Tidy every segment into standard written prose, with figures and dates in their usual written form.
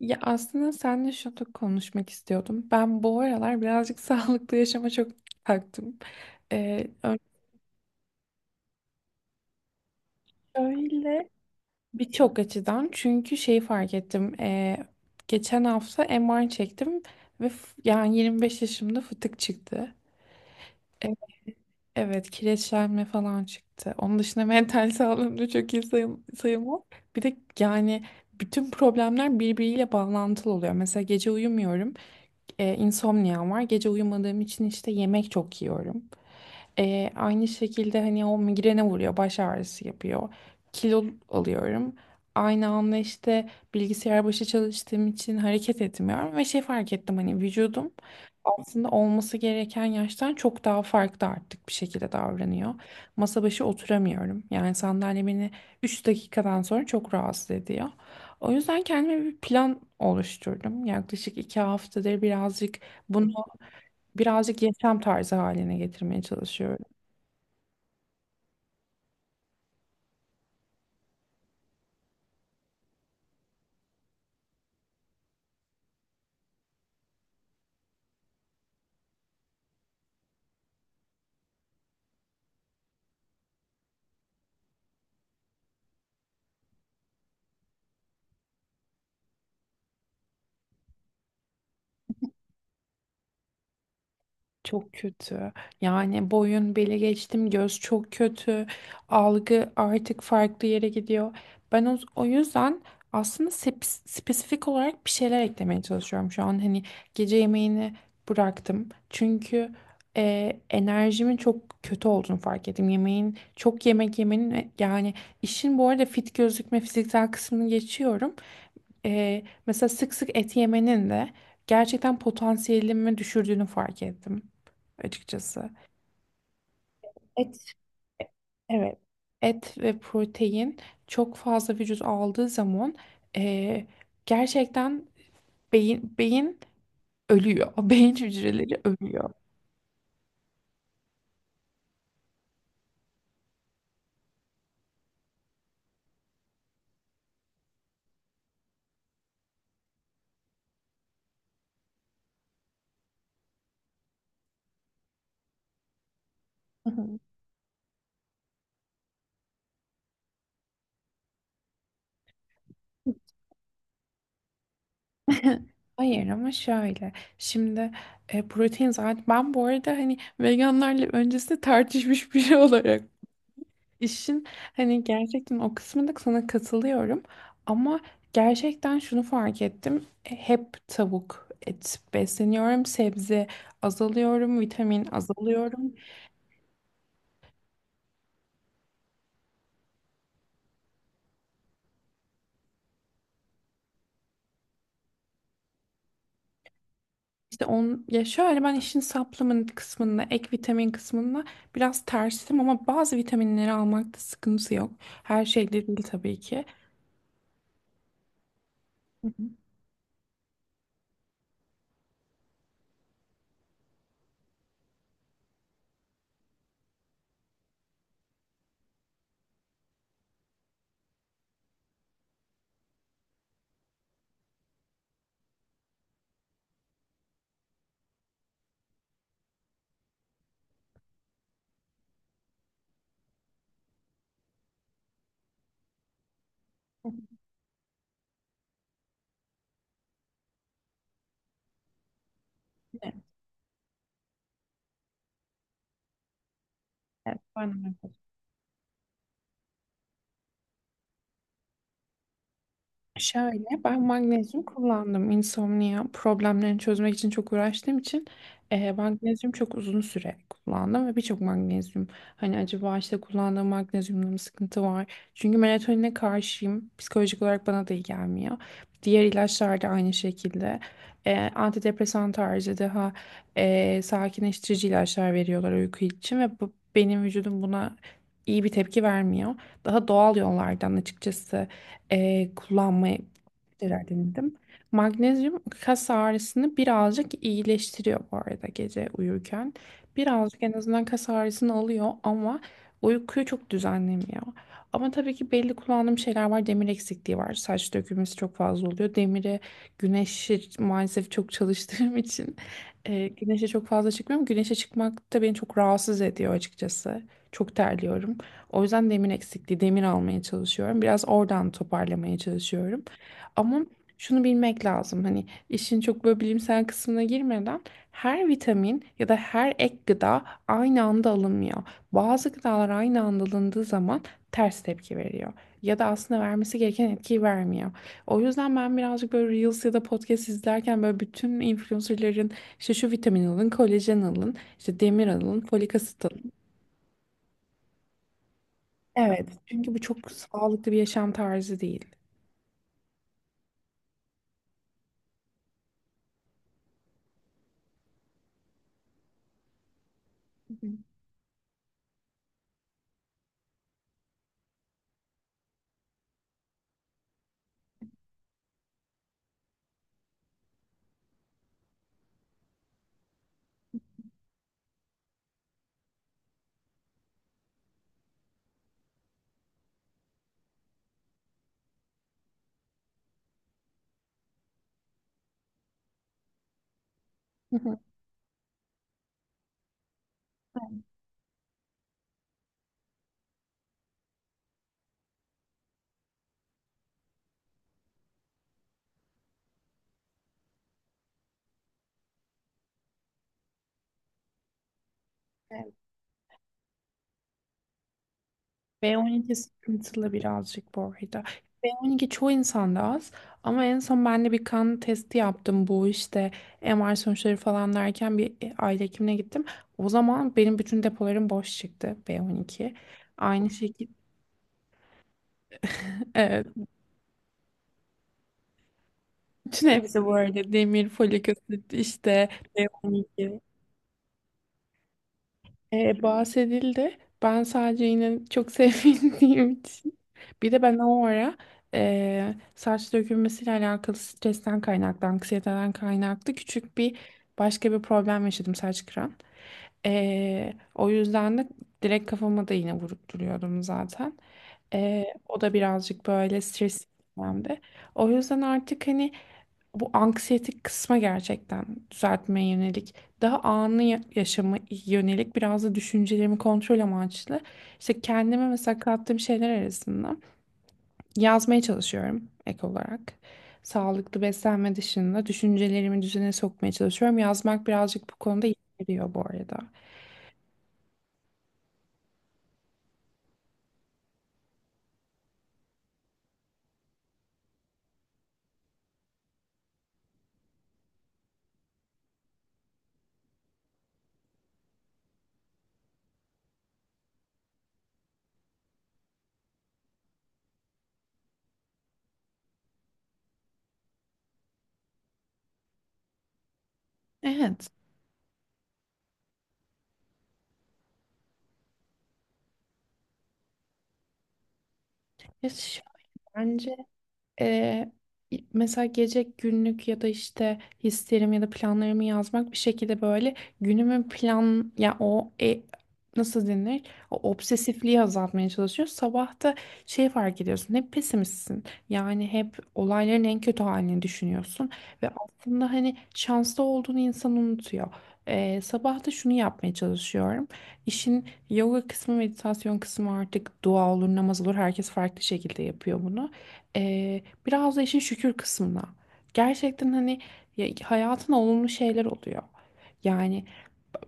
Ya aslında seninle şunu konuşmak istiyordum. Ben bu aralar birazcık sağlıklı yaşama çok taktım. Ee, öyle birçok açıdan çünkü şeyi fark ettim. Geçen hafta MR çektim ve yani 25 yaşımda fıtık çıktı. E, evet, kireçlenme falan çıktı. Onun dışında mental sağlığım da çok iyi sayım, sayılmaz. Bir de yani bütün problemler birbiriyle bağlantılı oluyor. Mesela gece uyumuyorum. E, insomniam var. Gece uyumadığım için işte yemek çok yiyorum. Aynı şekilde hani o migrene vuruyor, baş ağrısı yapıyor. Kilo alıyorum. Aynı anda işte bilgisayar başı çalıştığım için hareket etmiyorum ve şey fark ettim hani vücudum aslında olması gereken yaştan çok daha farklı artık bir şekilde davranıyor. Masa başı oturamıyorum. Yani sandalye beni 3 dakikadan sonra çok rahatsız ediyor. O yüzden kendime bir plan oluşturdum. Yaklaşık 2 haftadır birazcık bunu birazcık yaşam tarzı haline getirmeye çalışıyorum. Çok kötü. Yani boyun beli geçtim, göz çok kötü. Algı artık farklı yere gidiyor. Ben o yüzden aslında spesifik olarak bir şeyler eklemeye çalışıyorum şu an. Hani gece yemeğini bıraktım. Çünkü enerjimin çok kötü olduğunu fark ettim. Yemeğin, çok yemek yemenin ve yani işin bu arada fit gözükme fiziksel kısmını geçiyorum. Mesela sık sık et yemenin de gerçekten potansiyelimi düşürdüğünü fark ettim açıkçası. Et. Evet. Et ve protein çok fazla vücut aldığı zaman eee, gerçekten beyin ölüyor. O beyin hücreleri ölüyor. Hı hı. Hayır ama şöyle şimdi protein zaten ben bu arada hani veganlarla öncesinde tartışmış biri olarak İşin hani gerçekten o kısmında sana katılıyorum ama gerçekten şunu fark ettim. Hep tavuk, et besleniyorum, sebze azalıyorum, vitamin azalıyorum. İşte on ya şöyle ben işin supplement kısmında, ek vitamin kısmında biraz tersim ama bazı vitaminleri almakta sıkıntı yok. Her şey de değil tabii ki. Hı hı. Evet, evet, ben de. Şöyle ben magnezyum kullandım insomnia problemlerini çözmek için çok uğraştığım için magnezyum çok uzun süre kullandım ve birçok magnezyum hani acaba işte kullandığım magnezyumda mı sıkıntı var? Çünkü melatonine karşıyım psikolojik olarak bana da iyi gelmiyor. Diğer ilaçlar da aynı şekilde. Antidepresan tarzı daha sakinleştirici ilaçlar veriyorlar uyku için ve bu, benim vücudum buna iyi bir tepki vermiyor. Daha doğal yollardan açıkçası kullanmayı denedim. Magnezyum kas ağrısını birazcık iyileştiriyor bu arada gece uyurken. Birazcık en azından kas ağrısını alıyor ama uykuyu çok düzenlemiyor. Ama tabii ki belli kullandığım şeyler var. Demir eksikliği var. Saç dökülmesi çok fazla oluyor. Demire güneşi maalesef çok çalıştığım için güneşe çok fazla çıkmıyorum. Güneşe çıkmak da beni çok rahatsız ediyor açıkçası. Çok terliyorum. O yüzden demir eksikliği, demir almaya çalışıyorum. Biraz oradan toparlamaya çalışıyorum. Ama şunu bilmek lazım. Hani işin çok böyle bilimsel kısmına girmeden her vitamin ya da her ek gıda aynı anda alınmıyor. Bazı gıdalar aynı anda alındığı zaman ters tepki veriyor. Ya da aslında vermesi gereken etkiyi vermiyor. O yüzden ben birazcık böyle Reels ya da podcast izlerken böyle bütün influencerların işte şu vitamin alın, kolajen alın, işte demir alın, folik asit. Evet, çünkü bu çok sağlıklı bir yaşam tarzı değil. Hı hı. Evet. B12 sıkıntılı birazcık bu arada. B12 çoğu insanda az ama en son ben de bir kan testi yaptım bu işte MR sonuçları falan derken bir aile hekimine gittim. O zaman benim bütün depolarım boş çıktı B12. Aynı şekilde evet. Bütün hepsi bu arada demir, folik asit işte B12. Bahsedildi. Ben sadece yine çok sevindiğim için. Bir de ben o ara saç dökülmesiyle alakalı stresten kaynaklı, anksiyeteden kaynaklı küçük bir başka bir problem yaşadım saç kıran. O yüzden de direkt kafama da yine vurup duruyordum zaten. O da birazcık böyle stres dönemde. O yüzden artık hani bu anksiyetik kısma gerçekten düzeltmeye yönelik, daha anı yaşama yönelik biraz da düşüncelerimi kontrol amaçlı. İşte kendime mesela kattığım şeyler arasında yazmaya çalışıyorum ek olarak. Sağlıklı beslenme dışında düşüncelerimi düzene sokmaya çalışıyorum. Yazmak birazcık bu konuda iyi geliyor bu arada. Evet. Ya bence. Ee, mesela gece günlük ya da işte hislerimi ya da planlarımı yazmak bir şekilde böyle günümün plan ya o nasıl denir? O obsesifliği azaltmaya çalışıyor. Sabah da şey fark ediyorsun. Hep pesimistsin. Yani hep olayların en kötü halini düşünüyorsun ve aslında hani şanslı olduğunu insan unutuyor. Sabah da şunu yapmaya çalışıyorum. İşin yoga kısmı, meditasyon kısmı artık dua olur, namaz olur. Herkes farklı şekilde yapıyor bunu. Biraz da işin şükür kısmına. Gerçekten hani hayatın olumlu şeyler oluyor. Yani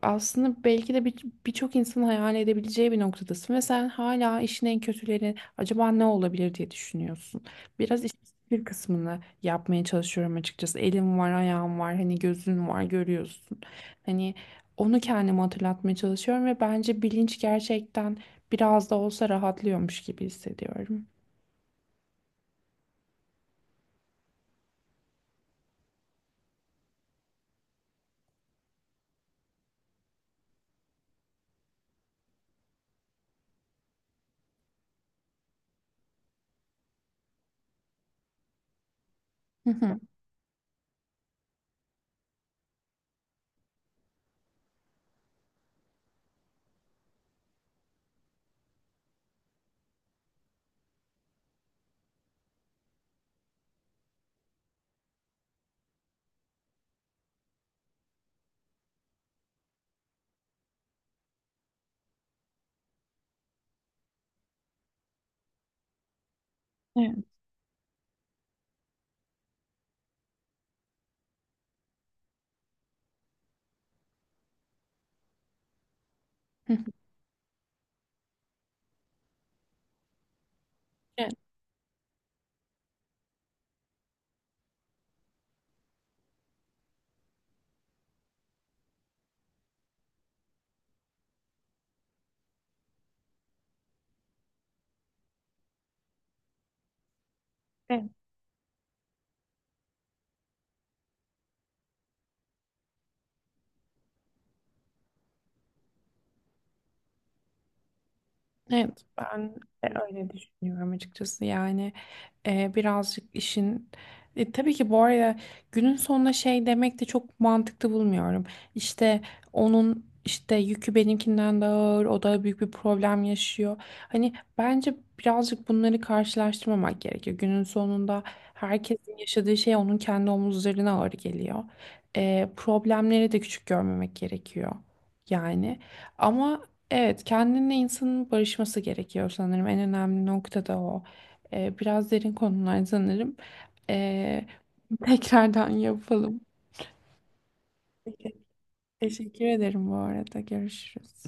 aslında belki de birçok insanın hayal edebileceği bir noktadasın ve sen hala işin en kötüleri acaba ne olabilir diye düşünüyorsun. Biraz işin şükür kısmını yapmaya çalışıyorum açıkçası. Elim var, ayağım var, hani gözün var, görüyorsun. Hani onu kendime hatırlatmaya çalışıyorum ve bence bilinç gerçekten biraz da olsa rahatlıyormuş gibi hissediyorum. Hı hı. Evet. Hı hı. Evet, evet, ben de öyle düşünüyorum açıkçası. Yani birazcık işin. Tabii ki bu arada günün sonunda şey demek de çok mantıklı bulmuyorum. İşte onun işte yükü benimkinden daha ağır, o da büyük bir problem yaşıyor. Hani bence birazcık bunları karşılaştırmamak gerekiyor. Günün sonunda herkesin yaşadığı şey onun kendi omuzlarına ağır geliyor. Problemleri de küçük görmemek gerekiyor. Yani. Ama. Evet, kendinle insanın barışması gerekiyor sanırım. En önemli nokta da o. Biraz derin konular sanırım. Ee, Tekrardan yapalım. Teşekkür ederim bu arada. Görüşürüz.